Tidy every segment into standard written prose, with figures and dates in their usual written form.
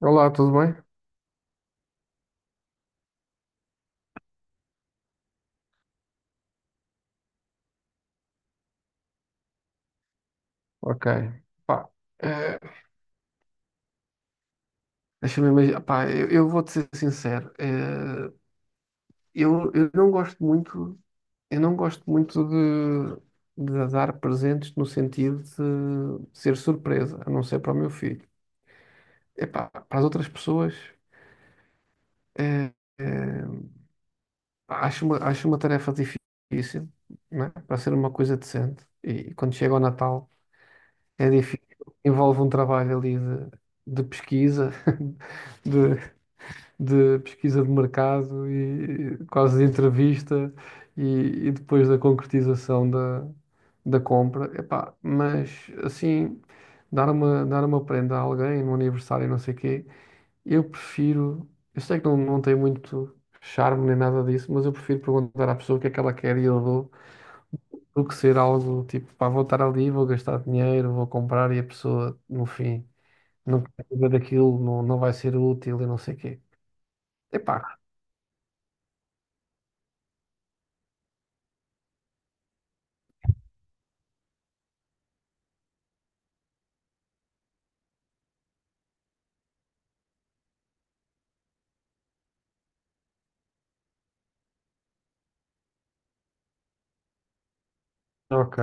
Olá, tudo bem? Ok. Pá, eh, deixa-me imaginar. Pá, eu vou-te ser sincero. Eu não gosto muito, eu não gosto muito de dar presentes no sentido de ser surpresa, a não ser para o meu filho. Epá, para as outras pessoas, eh, eh, acho uma tarefa difícil, né? Para ser uma coisa decente. E, quando chega o Natal, é difícil. Envolve um trabalho ali de pesquisa, de, de pesquisa de mercado e quase de entrevista e, e depois da concretização da, da compra. Epá, mas assim, dar uma prenda a alguém no aniversário, e não sei o quê, eu prefiro. Eu sei que não, não tem muito charme nem nada disso, mas eu prefiro perguntar à pessoa o que é que ela quer e eu dou. Do que ser algo tipo, pá, vou estar ali, vou gastar dinheiro, vou comprar e a pessoa, no fim, não quer saber daquilo, não, não vai ser útil e não sei o quê. Epá, ok.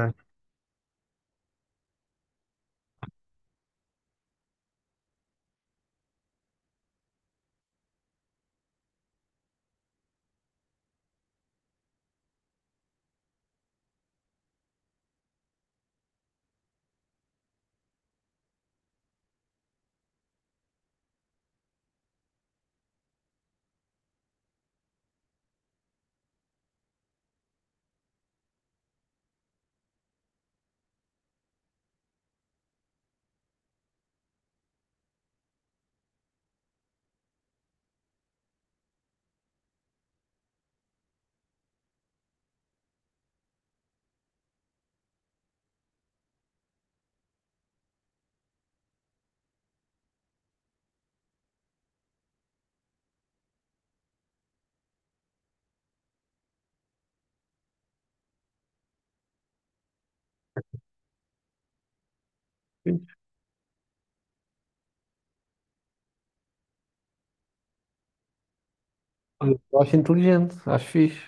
Eu acho inteligente, acho fixe.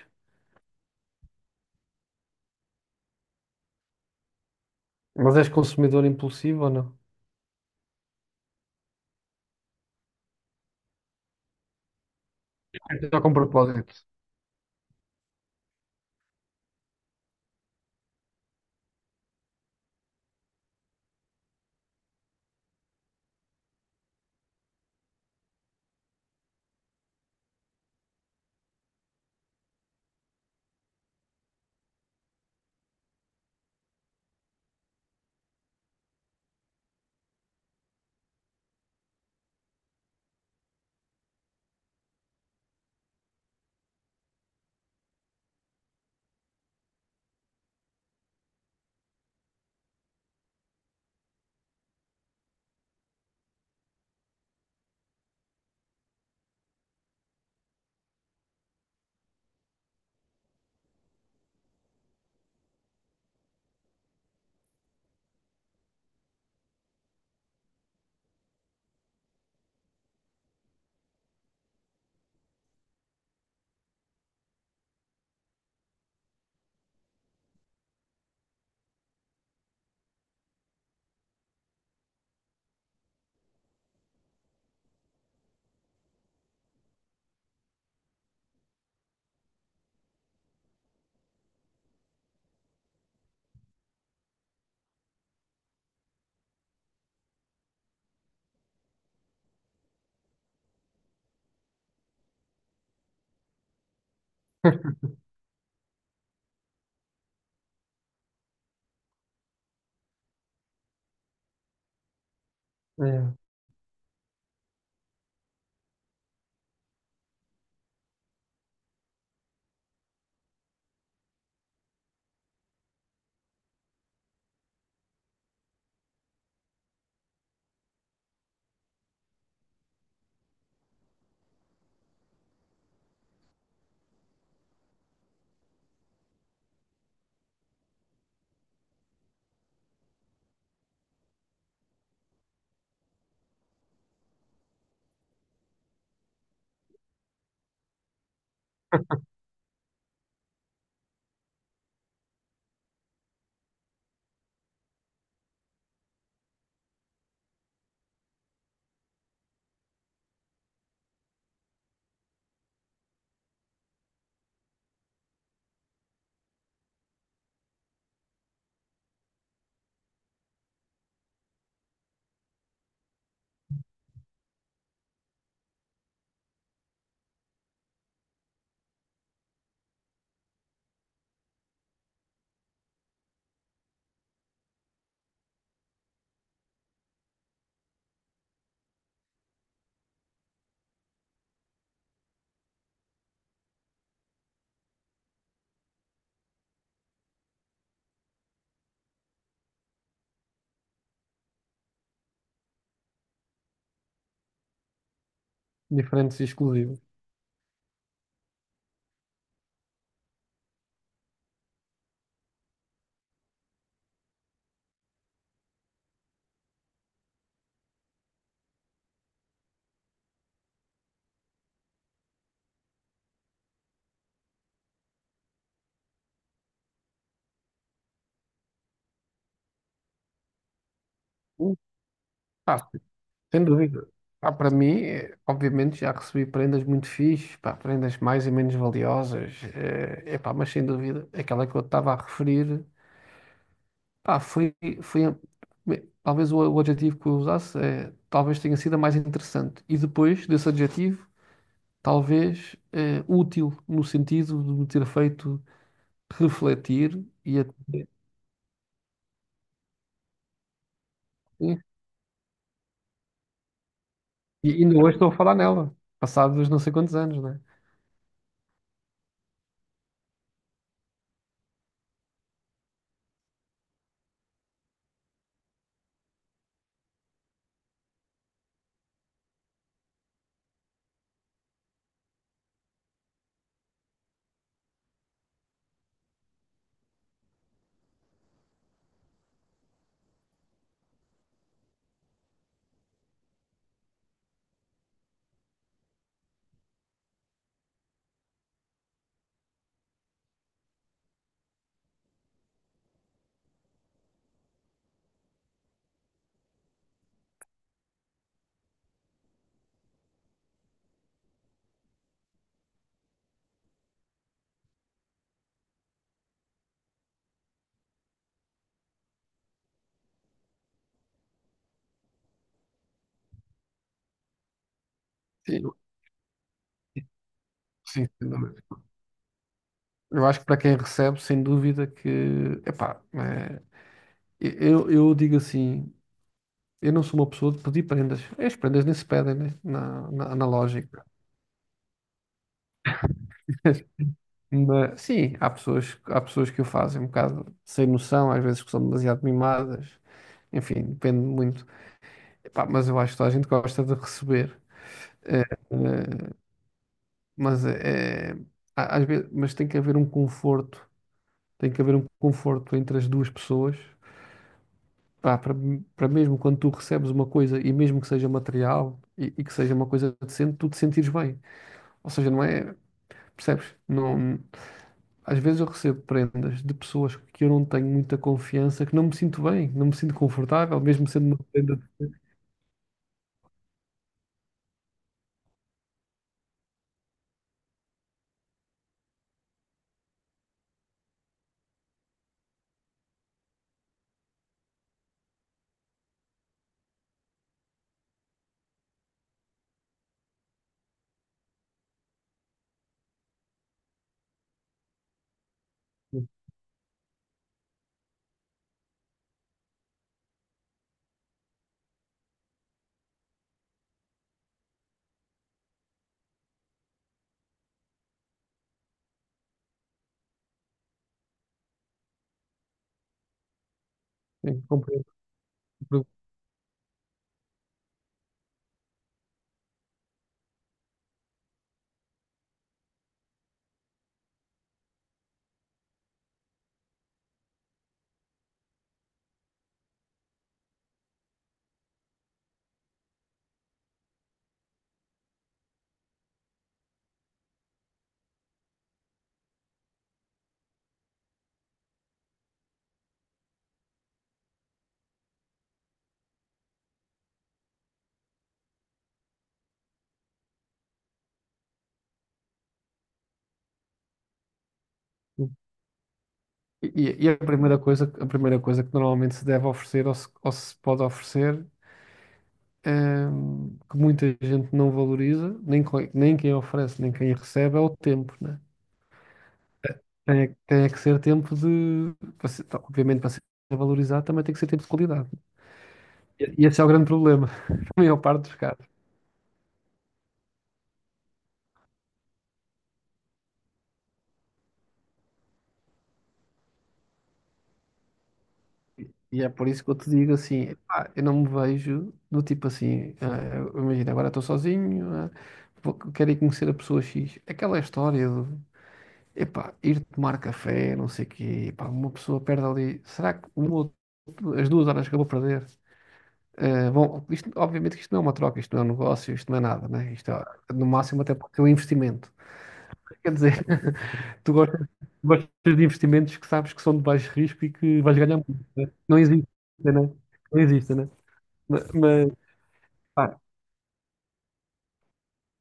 Mas és consumidor impulsivo ou não? Já com propósito. É, diferentes e exclusivos. Hum, Pá, sem dúvida. Pá, para mim, obviamente, já recebi prendas muito fixes, pá, prendas mais e menos valiosas, é, pá, mas sem dúvida, aquela que eu estava a referir, pá, foi a- me- talvez o adjetivo que eu usasse, talvez tenha sido a mais interessante. E depois desse adjetivo, talvez útil, no sentido de me ter feito refletir e até. Sim. E ainda hoje estou a falar nela, passados não sei quantos anos, né? Sim, sim, sem dúvida. Eu acho que para quem recebe, sem dúvida que. Epá, é, eu digo assim, eu não sou uma pessoa de pedir prendas. É, as prendas nem se pedem, né? Na lógica. Mas, sim, há pessoas que o fazem um bocado sem noção, às vezes que são demasiado mimadas. Enfim, depende muito. Epá, mas eu acho que toda a gente gosta de receber. eh, eh, mas é, é- há- às vezes, mas tem que haver um conforto, tem que haver um conforto entre as duas pessoas, pá, para, para mesmo quando tu recebes uma coisa e mesmo que seja material e que seja uma coisa decente, tu te sentires bem. Ou seja, não é, percebes? Não, às vezes eu recebo prendas de pessoas que eu não tenho muita confiança, que não me sinto bem, não me sinto confortável, mesmo sendo uma prenda decente. Sim, compreendo. E a primeira coisa que normalmente se deve oferecer ou se pode oferecer que muita gente não valoriza, nem, co- nem quem oferece, nem quem recebe, é o tempo, né? Tem é que ser tempo de. Para ser- tá, obviamente, para ser valorizado, também tem que ser tempo de qualidade. E esse é o grande problema, na maior parte dos casos. E é por isso que eu te digo assim: pá, eu não me vejo do tipo assim, ah, eu- imagina, agora estou sozinho, ah, vou- quero ir conhecer a pessoa X. Aquela história de. Epá, ir tomar café, não sei o quê, epá, uma pessoa perde ali. Será que uma ou as duas horas que eu vou perder. Eh, bom, isto- obviamente que isto não é uma troca, isto não é um negócio, isto não é nada, né? Isto é, no máximo até pode ser um investimento. Quer dizer, tu gostas, gostas de investimentos que sabes que são de baixo risco e que vais ganhar muito, né? Não existe, né? Não existe, né? Ma- Mas, pá,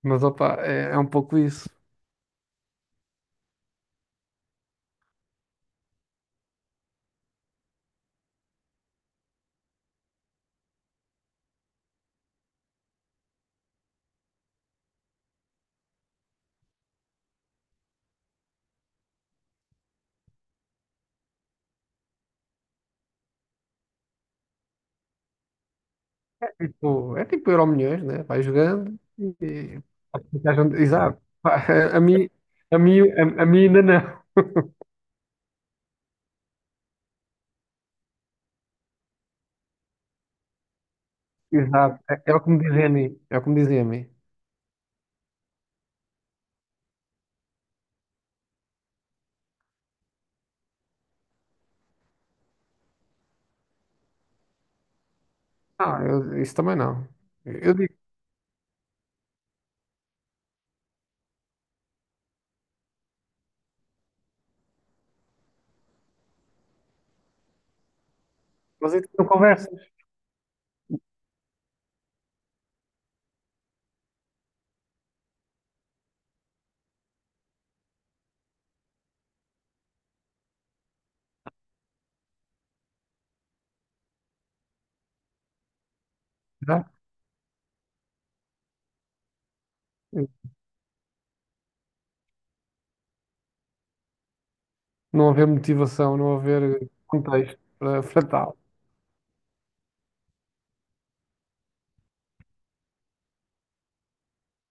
mas opa, é, é um pouco isso. É tipo Euromilhões, né? Vai jogando e... Exato. Pá, a mim, a mim, a mim ainda não. Exato. É, é o que me dizem a mim. É o que me dizem a mim. Ah, eu- isso também não. Eu digo, mas então não conversas, já? Não haver motivação, não haver contexto para para tal.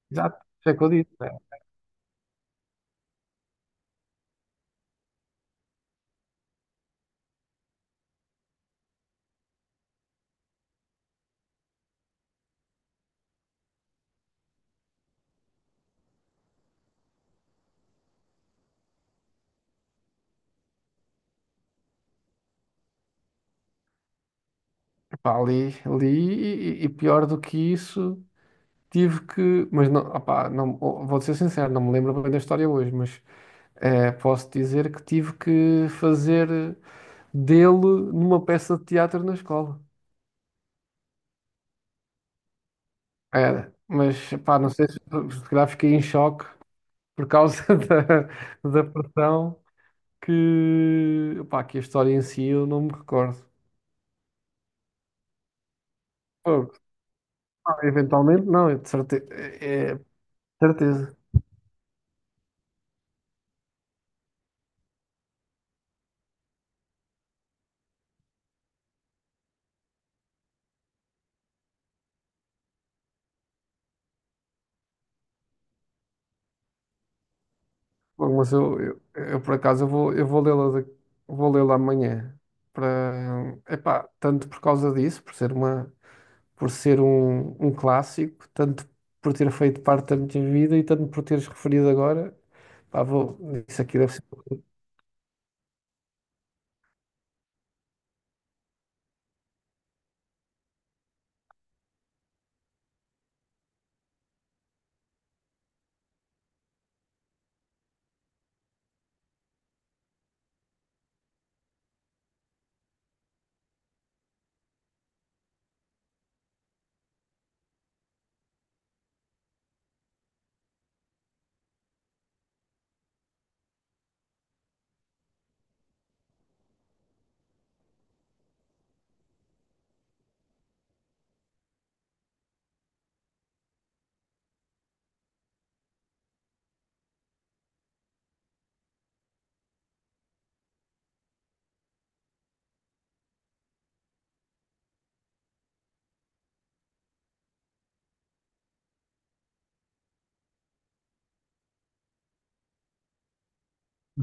Exato, isso é o que eu disse. Né? Epá, li, li e pior do que isso, tive que. Mas não, opá, não, vou ser sincero, não me lembro bem da história hoje, mas posso dizer que tive que fazer dele numa peça de teatro na escola. Era, mas pá, não sei se, se calhar fiquei em choque por causa da, da pressão. Que, pá, que a história em si eu não me recordo. Fogo, ah, eventualmente, não, é de certeza. É, é de certeza. Fogo, mas eu, por acaso, eu vou lê-la, de- vou lê-la amanhã. Para, epá, tanto por causa disso, por ser uma, por ser um, um clássico, tanto por ter feito parte da minha vida e tanto por teres referido agora. Pá, vou, isso aqui deve ser.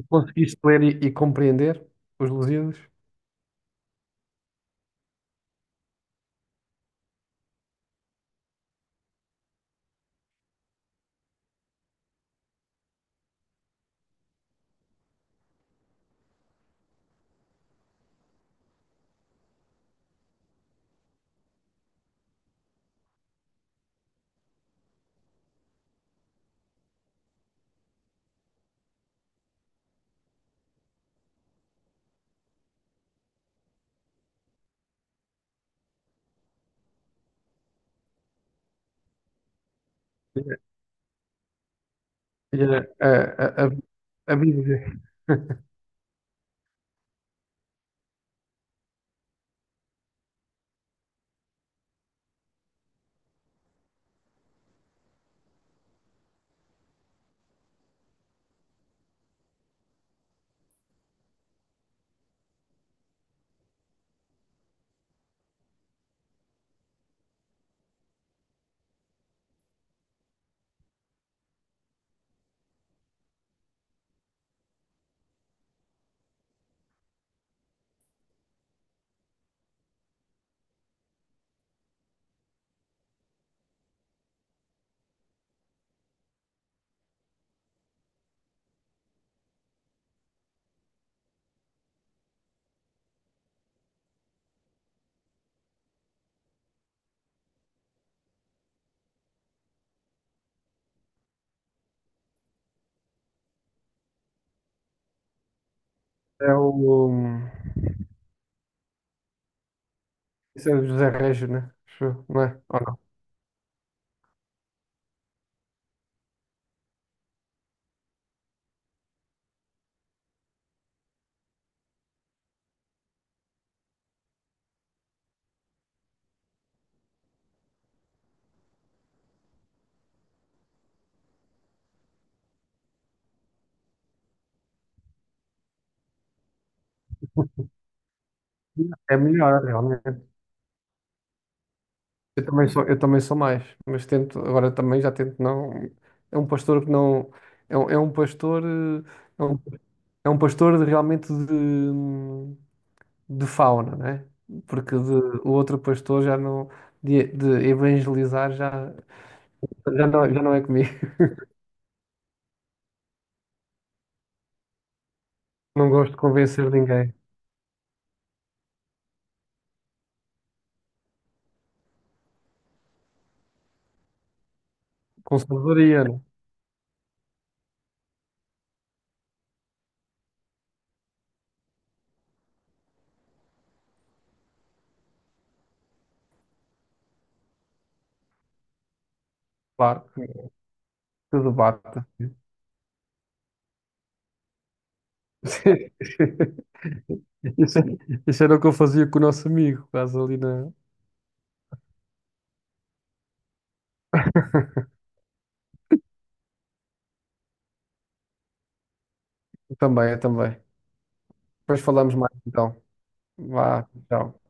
Conseguiste ler e compreender os Lusíadas? E a, a, a, a, a Bíblia. É o. Esse é o José Régio, né? Acho eu, não é? Ou não? É melhor, realmente. Eu também sou mais, mas tento, agora também já tento não. É um pastor que não. É um pastor. É um, é um pastor de- realmente de fauna, né? Porque de, o outro pastor já não. De evangelizar já, já não é comigo. Não gosto de convencer ninguém. Com sabedoria, né? Claro, que tudo bate. Isso, é, isso era o que eu fazia com o nosso amigo, quase ali na. Também, eu também. Depois falamos mais então. Vá, tchau.